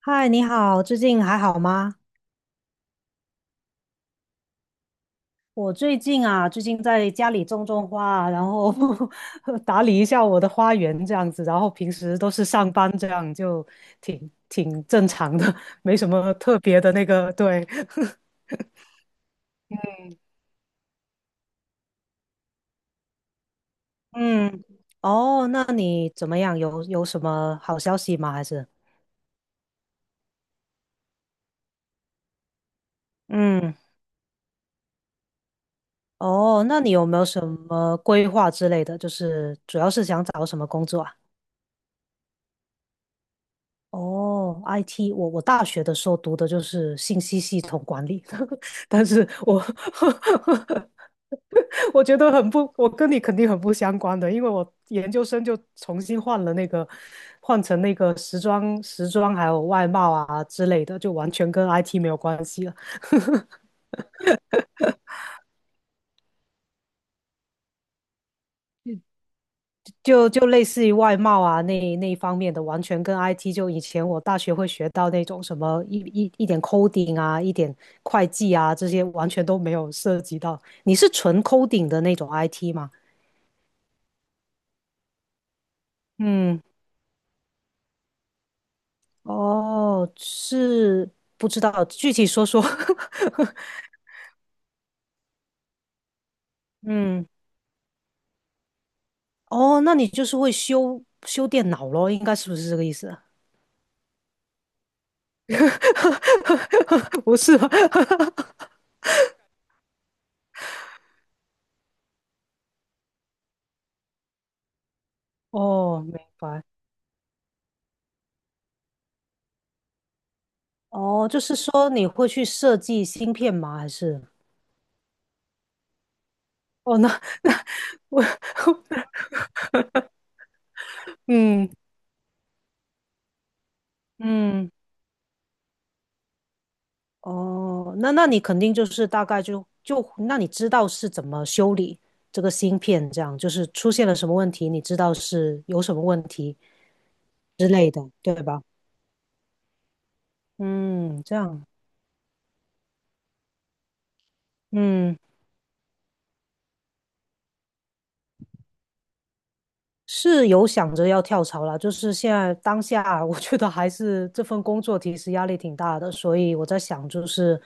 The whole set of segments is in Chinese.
嗨，你好，最近还好吗？我最近在家里种种花啊然后 打理一下我的花园这样子，然后平时都是上班这样，就挺正常的，没什么特别的那个，对，嗯，哦，那你怎么样？有什么好消息吗？还是？嗯，哦，那你有没有什么规划之类的？就是主要是想找什么工作啊？哦，IT，我大学的时候读的就是信息系统管理，但是我 我觉得很不，我跟你肯定很不相关的，因为我研究生就重新换了那个，换成那个时装还有外贸啊之类的，就完全跟 IT 没有关系了。就类似于外贸啊那一方面的，完全跟 IT 就以前我大学会学到那种什么一点 coding 啊，一点会计啊这些完全都没有涉及到。你是纯 coding 的那种 IT 吗？嗯，哦，是不知道，具体说说。嗯，哦，那你就是会修修电脑咯，应该是不是这个意思啊？不是吧？哦，明白。哦，就是说你会去设计芯片吗？还是？哦，那 那我 嗯嗯，哦，那你肯定就是大概就那你知道是怎么修理这个芯片，这样就是出现了什么问题，你知道是有什么问题之类的，对吧？嗯，这样，嗯。是有想着要跳槽啦，就是现在当下啊，我觉得还是这份工作其实压力挺大的，所以我在想，就是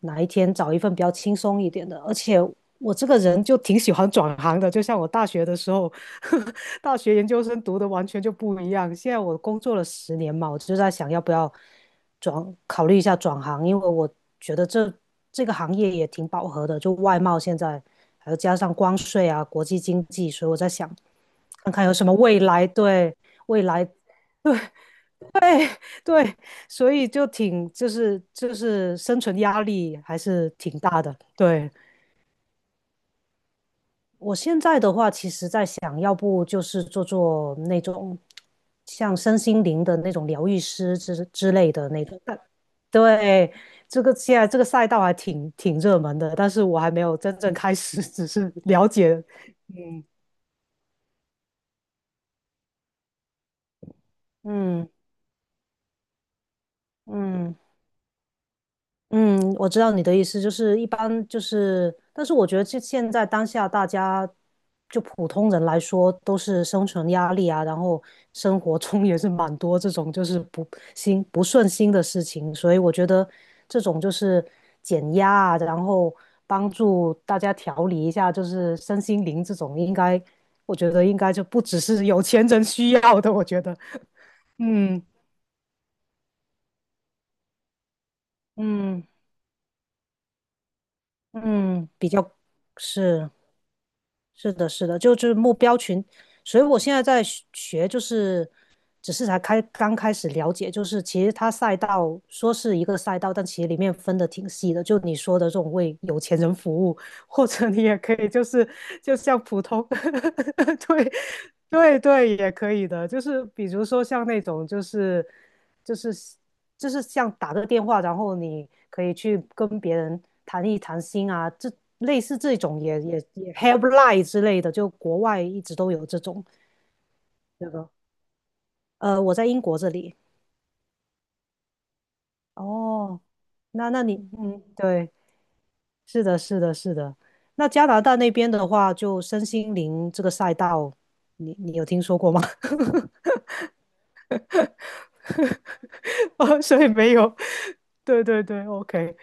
哪一天找一份比较轻松一点的。而且我这个人就挺喜欢转行的，就像我大学的时候，大学研究生读的完全就不一样。现在我工作了十年嘛，我就在想要不要转，考虑一下转行，因为我觉得这个行业也挺饱和的，就外贸现在，还有加上关税啊，国际经济，所以我在想。看看有什么未来，对，未来，对，所以就挺就是生存压力还是挺大的。对，我现在的话，其实在想要不就是做做那种像身心灵的那种疗愈师之类的那种，但对，这个现在这个赛道还挺热门的，但是我还没有真正开始，只是了解。嗯嗯。嗯，我知道你的意思，就是一般就是，但是我觉得这现在当下大家就普通人来说，都是生存压力啊，然后生活中也是蛮多这种就是不顺心的事情，所以我觉得这种就是减压啊，然后帮助大家调理一下，就是身心灵这种，应该我觉得应该就不只是有钱人需要的，我觉得，嗯嗯嗯，比较是。是的，是的，就是目标群，所以我现在在学，就是只是刚开始了解，就是其实它赛道说是一个赛道，但其实里面分的挺细的，就你说的这种为有钱人服务，或者你也可以就是就像普通 对对对，也可以的，就是比如说像那种就是就是像打个电话，然后你可以去跟别人谈一谈心啊，这类似这种也 helpline 之类的，就国外一直都有这种那个，我在英国这里，哦，那你嗯，对。是的，是的，是的。那加拿大那边的话，就身心灵这个赛道，你有听说过吗？哦，所以没有。对对对，OK。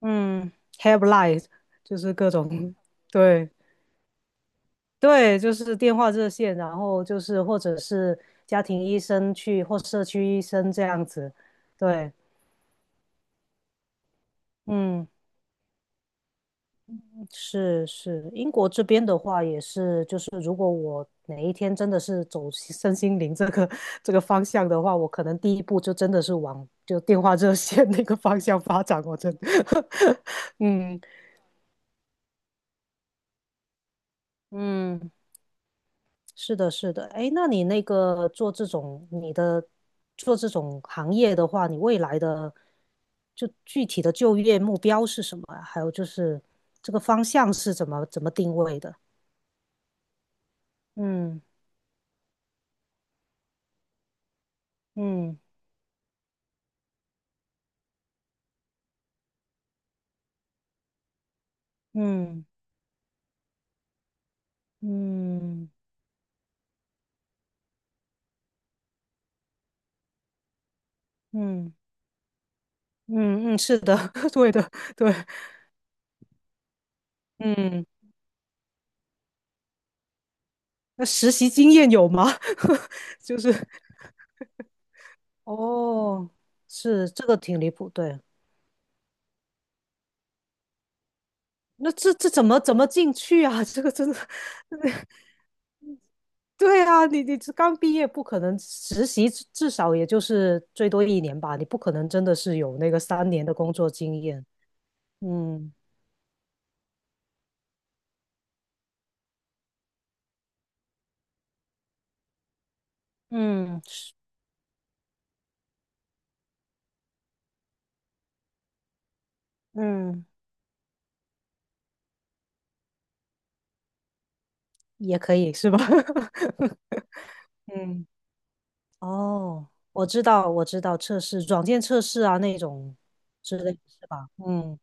嗯 h e v p l i n e 就是各种，对对，就是电话热线，然后就是或者是家庭医生去或社区医生这样子。对，嗯。是是，英国这边的话也是，就是如果我哪一天真的是走身心灵这个 这个方向的话，我可能第一步就真的是往就电话热线那个方向发展，我真的，嗯嗯，是的，是的，哎，那你做这种行业的话，你未来的就具体的就业目标是什么啊？还有就是这个方向是怎么定位的？嗯嗯。嗯嗯嗯嗯嗯，是的，对的，对，嗯，那实习经验有吗？就是哦，是这个挺离谱，对，那这怎么进去啊？这个真的，对啊，你这刚毕业不可能实习至少也就是最多一年吧，你不可能真的是有那个三年的工作经验，嗯嗯是嗯，也可以是吧？嗯。哦，我知道，我知道，测试软件测试啊那种之类的是吧？嗯，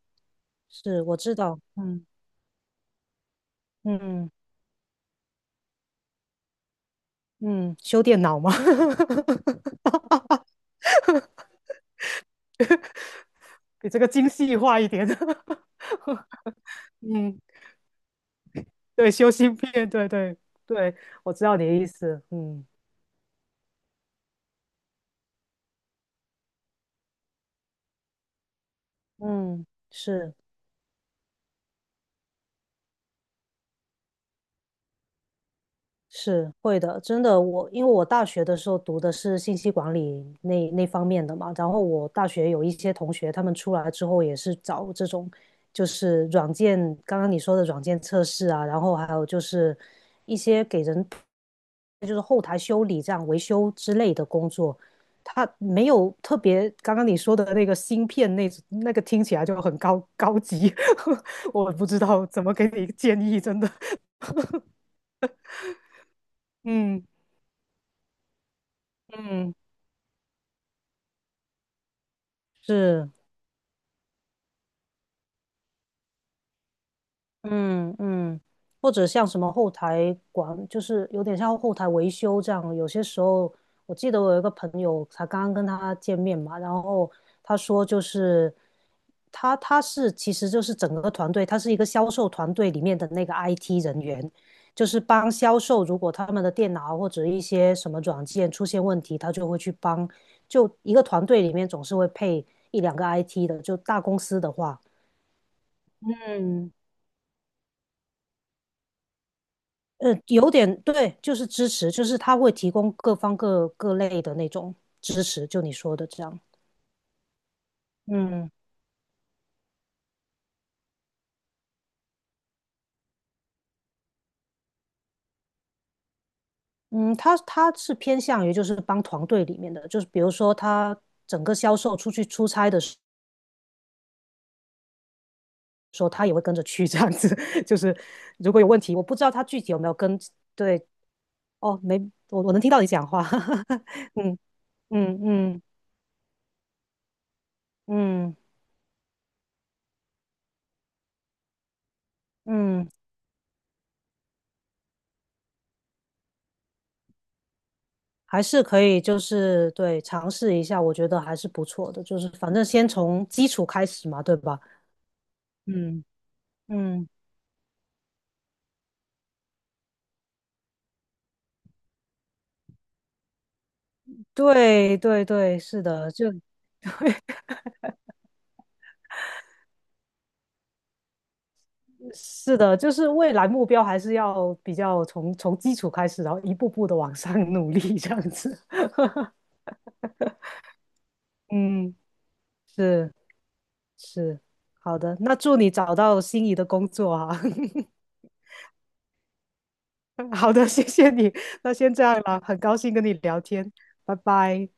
是，我知道，嗯嗯嗯，修电脑吗？比这个精细化一点。嗯，对，修芯片，对对对，我知道你的意思。嗯嗯，是。是会的，真的，我因为我大学的时候读的是信息管理那方面的嘛，然后我大学有一些同学，他们出来之后也是找这种，就是软件，刚刚你说的软件测试啊，然后还有就是一些给人就是后台修理这样维修之类的工作，他没有特别刚刚你说的那个芯片那个听起来就很高级，我不知道怎么给你建议，真的，嗯嗯是。嗯嗯，或者像什么后台管，就是有点像后台维修这样。有些时候，我记得我有一个朋友，才刚刚跟他见面嘛，然后他说就是他是其实就是整个团队，他是一个销售团队里面的那个 IT 人员，就是帮销售，如果他们的电脑或者一些什么软件出现问题，他就会去帮。就一个团队里面总是会配一两个 IT 的，就大公司的话。有点对，就是支持，就是他会提供各方各各类的那种支持，就你说的这样。嗯嗯，他是偏向于就是帮团队里面的，就是比如说他整个销售出去出差的时候，他也会跟着去这样子。就是如果有问题，我不知道他具体有没有跟，对，哦，没，我能听到你讲话，嗯嗯嗯嗯嗯。嗯还是可以，就是对，尝试一下，我觉得还是不错的。就是反正先从基础开始嘛，对吧？嗯嗯，对对对，是的，就是的，就是未来目标还是要比较从基础开始，然后一步步的往上 努力，这样子。嗯，是是，好的，那祝你找到心仪的工作啊。好的，谢谢你，那先这样啦，很高兴跟你聊天，拜拜。